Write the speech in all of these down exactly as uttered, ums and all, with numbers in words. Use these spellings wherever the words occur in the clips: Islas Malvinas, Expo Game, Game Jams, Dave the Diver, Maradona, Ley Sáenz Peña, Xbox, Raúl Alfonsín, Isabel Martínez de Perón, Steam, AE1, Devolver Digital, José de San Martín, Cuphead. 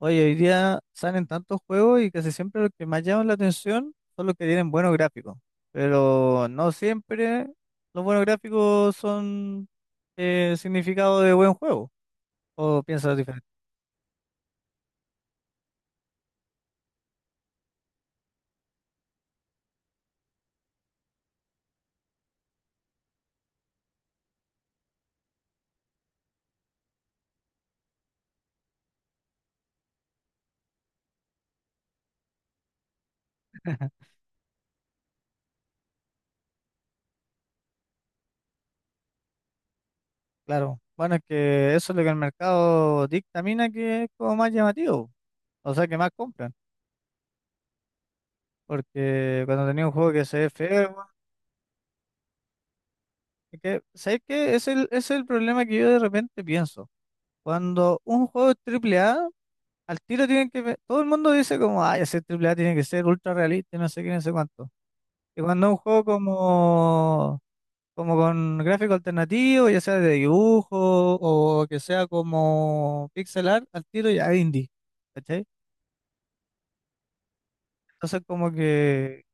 Oye, hoy día salen tantos juegos y casi siempre los que más llaman la atención son los que tienen buenos gráficos. Pero no siempre los buenos gráficos son eh, significado de buen juego. ¿O piensas diferente? Claro. Bueno, es que eso es lo que el mercado dictamina que es como más llamativo. O sea, que más compran. Porque cuando tenía un juego que se ve feo, weón, es que, ¿sabes qué? Es el, es el problema que yo de repente pienso. Cuando un juego es triple A. Al tiro tienen que ver. Todo el mundo dice como, ay, ese triple A tiene que ser ultra realista y no sé qué, no sé cuánto. Y cuando es un juego como, como con gráfico alternativo, ya sea de dibujo o que sea como pixel art, al tiro ya es indie. ¿Cachai? Entonces como que,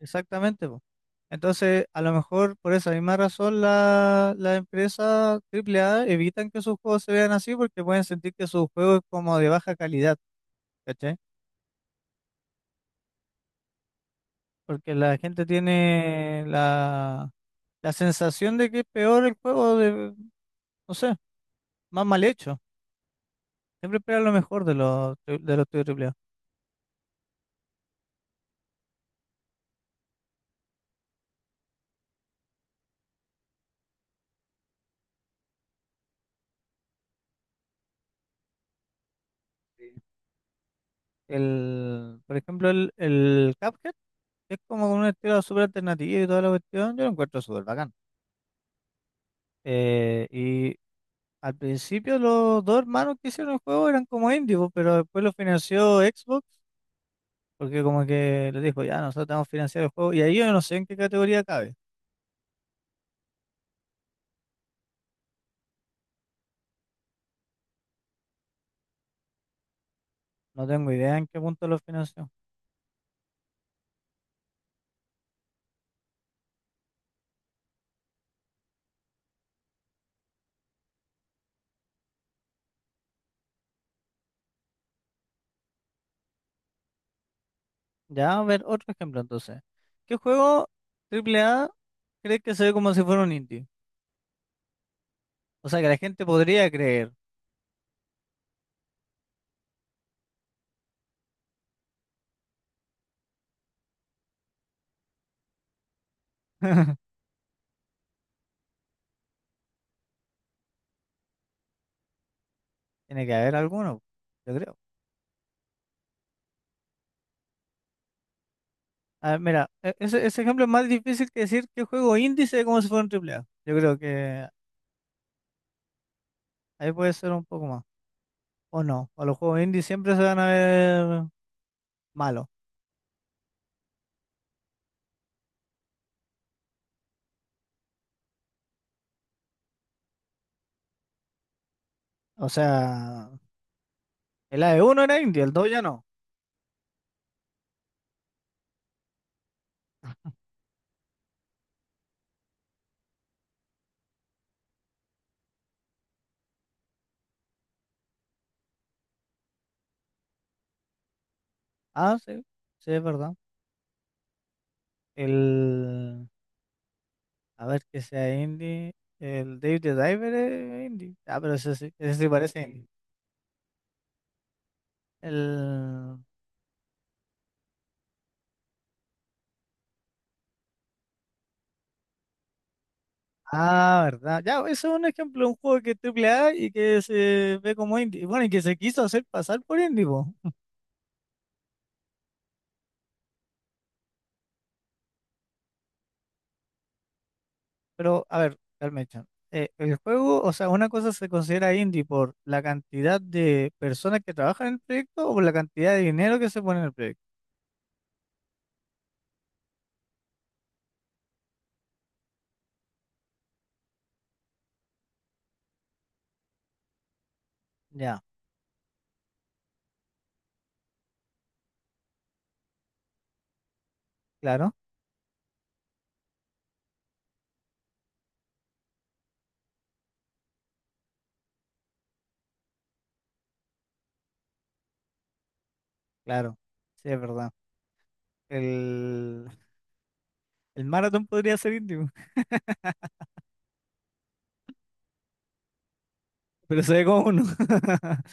exactamente, po. Entonces, a lo mejor por esa misma razón la- las empresas triple A evitan que sus juegos se vean así porque pueden sentir que su juego es como de baja calidad, ¿cachai? Porque la gente tiene la, la sensación de que es peor el juego, de, no sé, más mal hecho. Siempre espera lo mejor de los, tri- de los estudios triple A. El, por ejemplo, el, el Cuphead es como un estilo súper alternativo y toda la cuestión. Yo lo encuentro súper bacán. Eh, y al principio los dos hermanos que hicieron el juego eran como indies, po, pero después lo financió Xbox porque como que les dijo, ya, nosotros te vamos a financiar el juego. Y ahí yo no sé en qué categoría cabe. No tengo idea en qué punto lo financió. Ya, a ver, otro ejemplo entonces. ¿Qué juego triple A crees que se ve como si fuera un indie? O sea, que la gente podría creer. Tiene que haber alguno, yo creo. A ver, mira, e- ese, ese ejemplo es más difícil que decir qué juego indie se ve como si fuera un triple A. Yo creo que ahí puede ser un poco más. O no, o los juegos indie siempre se van a ver malos. O sea, el A E uno era indie, el dos ya no. Ah, sí, sí, es verdad. El... A ver, que sea indie. El Dave the Diver es indie. Ah, pero ese sí, ese sí parece indie. El... Ah, verdad. Ya, eso es un ejemplo, de un juego que es triple A y que se ve como indie. Bueno, y que se quiso hacer pasar por indie, po. Pero, a ver, Carmen Chan, eh, el juego, o sea, una cosa se considera indie por la cantidad de personas que trabajan en el proyecto o por la cantidad de dinero que se pone en el proyecto. Ya, claro, claro. Sí, es verdad. El, el maratón podría ser indie. Pero se ve como uno.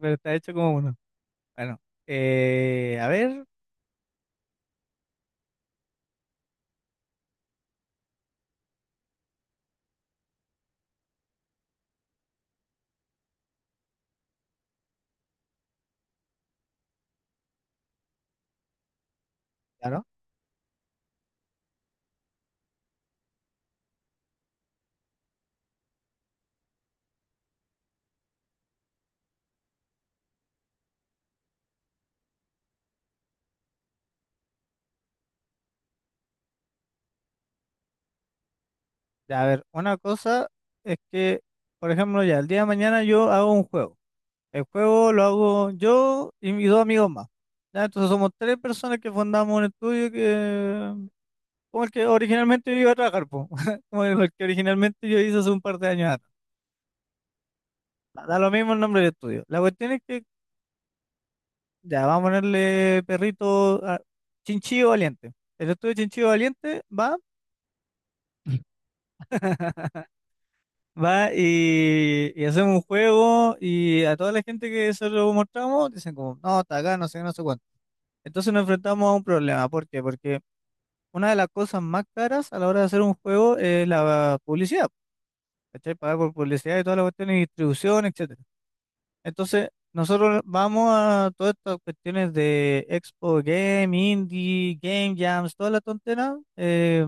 Pero está hecho como uno. Bueno, eh, a ver, claro. Ya, a ver, una cosa es que, por ejemplo, ya el día de mañana yo hago un juego. El juego lo hago yo y mis dos amigos más. Ya, entonces somos tres personas que fundamos un estudio que, como el que originalmente yo iba a trabajar, po. Como el que originalmente yo hice hace un par de años atrás. Da da lo mismo el nombre del estudio. La cuestión es que, ya, vamos a ponerle perrito a Chinchillo Valiente. El estudio Chinchillo Valiente va Va y, y hacemos un juego y a toda la gente que se lo mostramos dicen como, no, está acá, no sé qué, no sé cuánto. Entonces nos enfrentamos a un problema. ¿Por qué? Porque una de las cosas más caras a la hora de hacer un juego es la publicidad. ¿Cachai? Pagar por publicidad y toda la cuestión de distribución, etcétera. Entonces, nosotros vamos a todas estas cuestiones de Expo Game, Indie, Game Jams, toda la tontera, eh,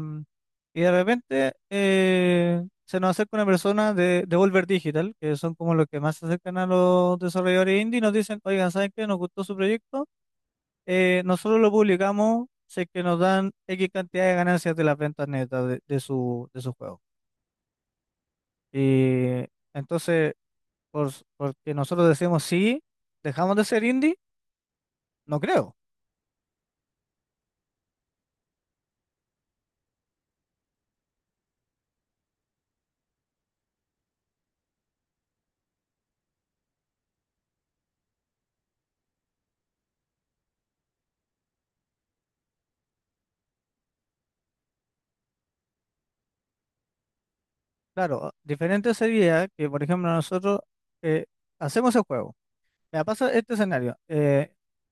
y de repente eh, se nos acerca una persona de, de Volver Digital, que son como los que más se acercan a los desarrolladores indie, y nos dicen, oigan, ¿saben qué? Nos gustó su proyecto, eh, nosotros lo publicamos, sé que nos dan X cantidad de ganancias de las ventas netas de, de su, de su juego. Y entonces, por, porque nosotros decimos sí, dejamos de ser indie. No creo. Claro, ah, diferente sería que, por ejemplo, nosotros eh, hacemos el juego. Me pasa este escenario. Eh,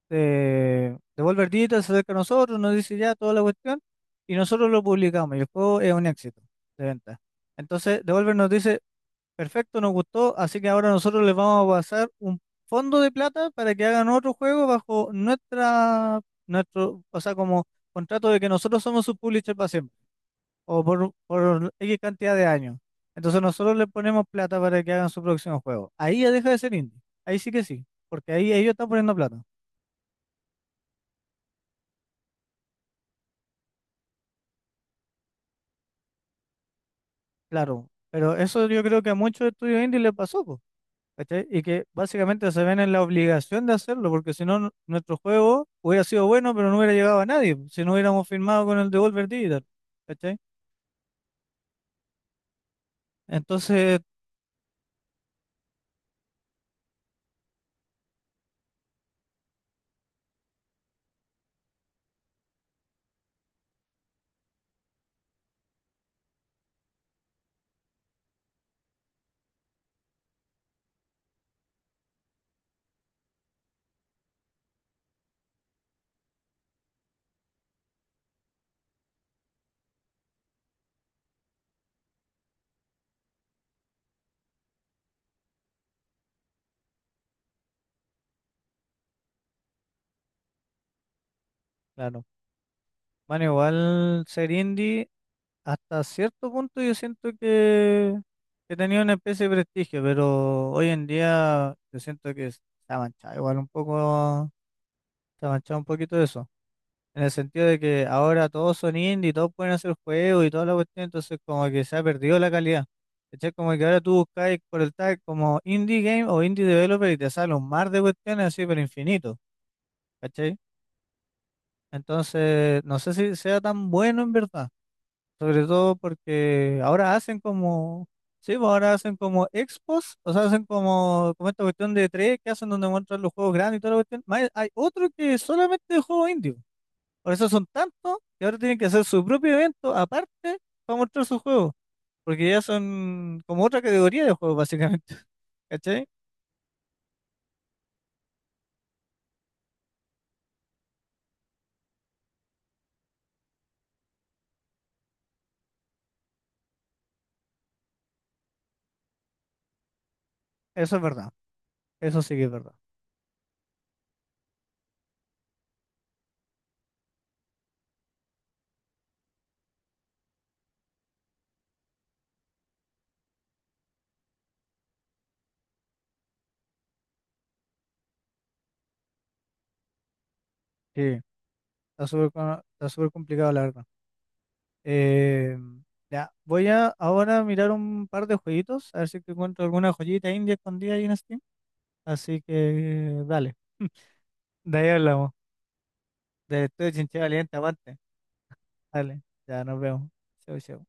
eh, Devolver Digital se acerca a nosotros, nos dice ya toda la cuestión y nosotros lo publicamos y el juego es un éxito de venta. Entonces, Devolver nos dice, perfecto, nos gustó, así que ahora nosotros les vamos a pasar un fondo de plata para que hagan otro juego bajo nuestra, nuestro, o sea, como contrato de que nosotros somos su publisher para o por, por X cantidad de años. Entonces nosotros le ponemos plata para que hagan su próximo juego. Ahí ya deja de ser indie. Ahí sí que sí, porque ahí ellos están poniendo plata. Claro, pero eso yo creo que a muchos estudios indie les pasó, po, ¿cachai? Y que básicamente se ven en la obligación de hacerlo, porque si no, nu- nuestro juego hubiera sido bueno, pero no hubiera llegado a nadie, po, si no hubiéramos firmado con el Devolver Digital, ¿cachai? Entonces, claro, van igual ser indie. Hasta cierto punto yo siento que, que tenía una especie de prestigio, pero hoy en día yo siento que se ha manchado igual un poco, se ha manchado un poquito eso, en el sentido de que ahora todos son indie, todos pueden hacer juegos y toda la cuestión, entonces como que se ha perdido la calidad. ¿Cachai? Como que ahora tú buscáis por el tag como indie game o indie developer y te sale un mar de cuestiones así, pero infinito, ¿cachai? Entonces, no sé si sea tan bueno en verdad. Sobre todo porque ahora hacen como, sí, pues ahora hacen como expos, o sea, hacen como, como esta cuestión de tres que hacen donde muestran los juegos grandes y toda la cuestión. Más, hay otro que es solamente de juegos indios. Por eso son tantos que ahora tienen que hacer su propio evento aparte para mostrar sus juegos, porque ya son como otra categoría de juegos, básicamente. ¿Cachai? Eso es verdad. Eso sí que es verdad. Sí, está súper co- está súper complicado, la verdad. Eh, ya, voy a ahora mirar un par de jueguitos, a ver si es que encuentro alguna joyita india escondida ahí en Steam. Así que dale, de ahí hablamos. De Estudio Chinchilla Valiente, aguante. Dale, ya nos vemos. Chau, chau.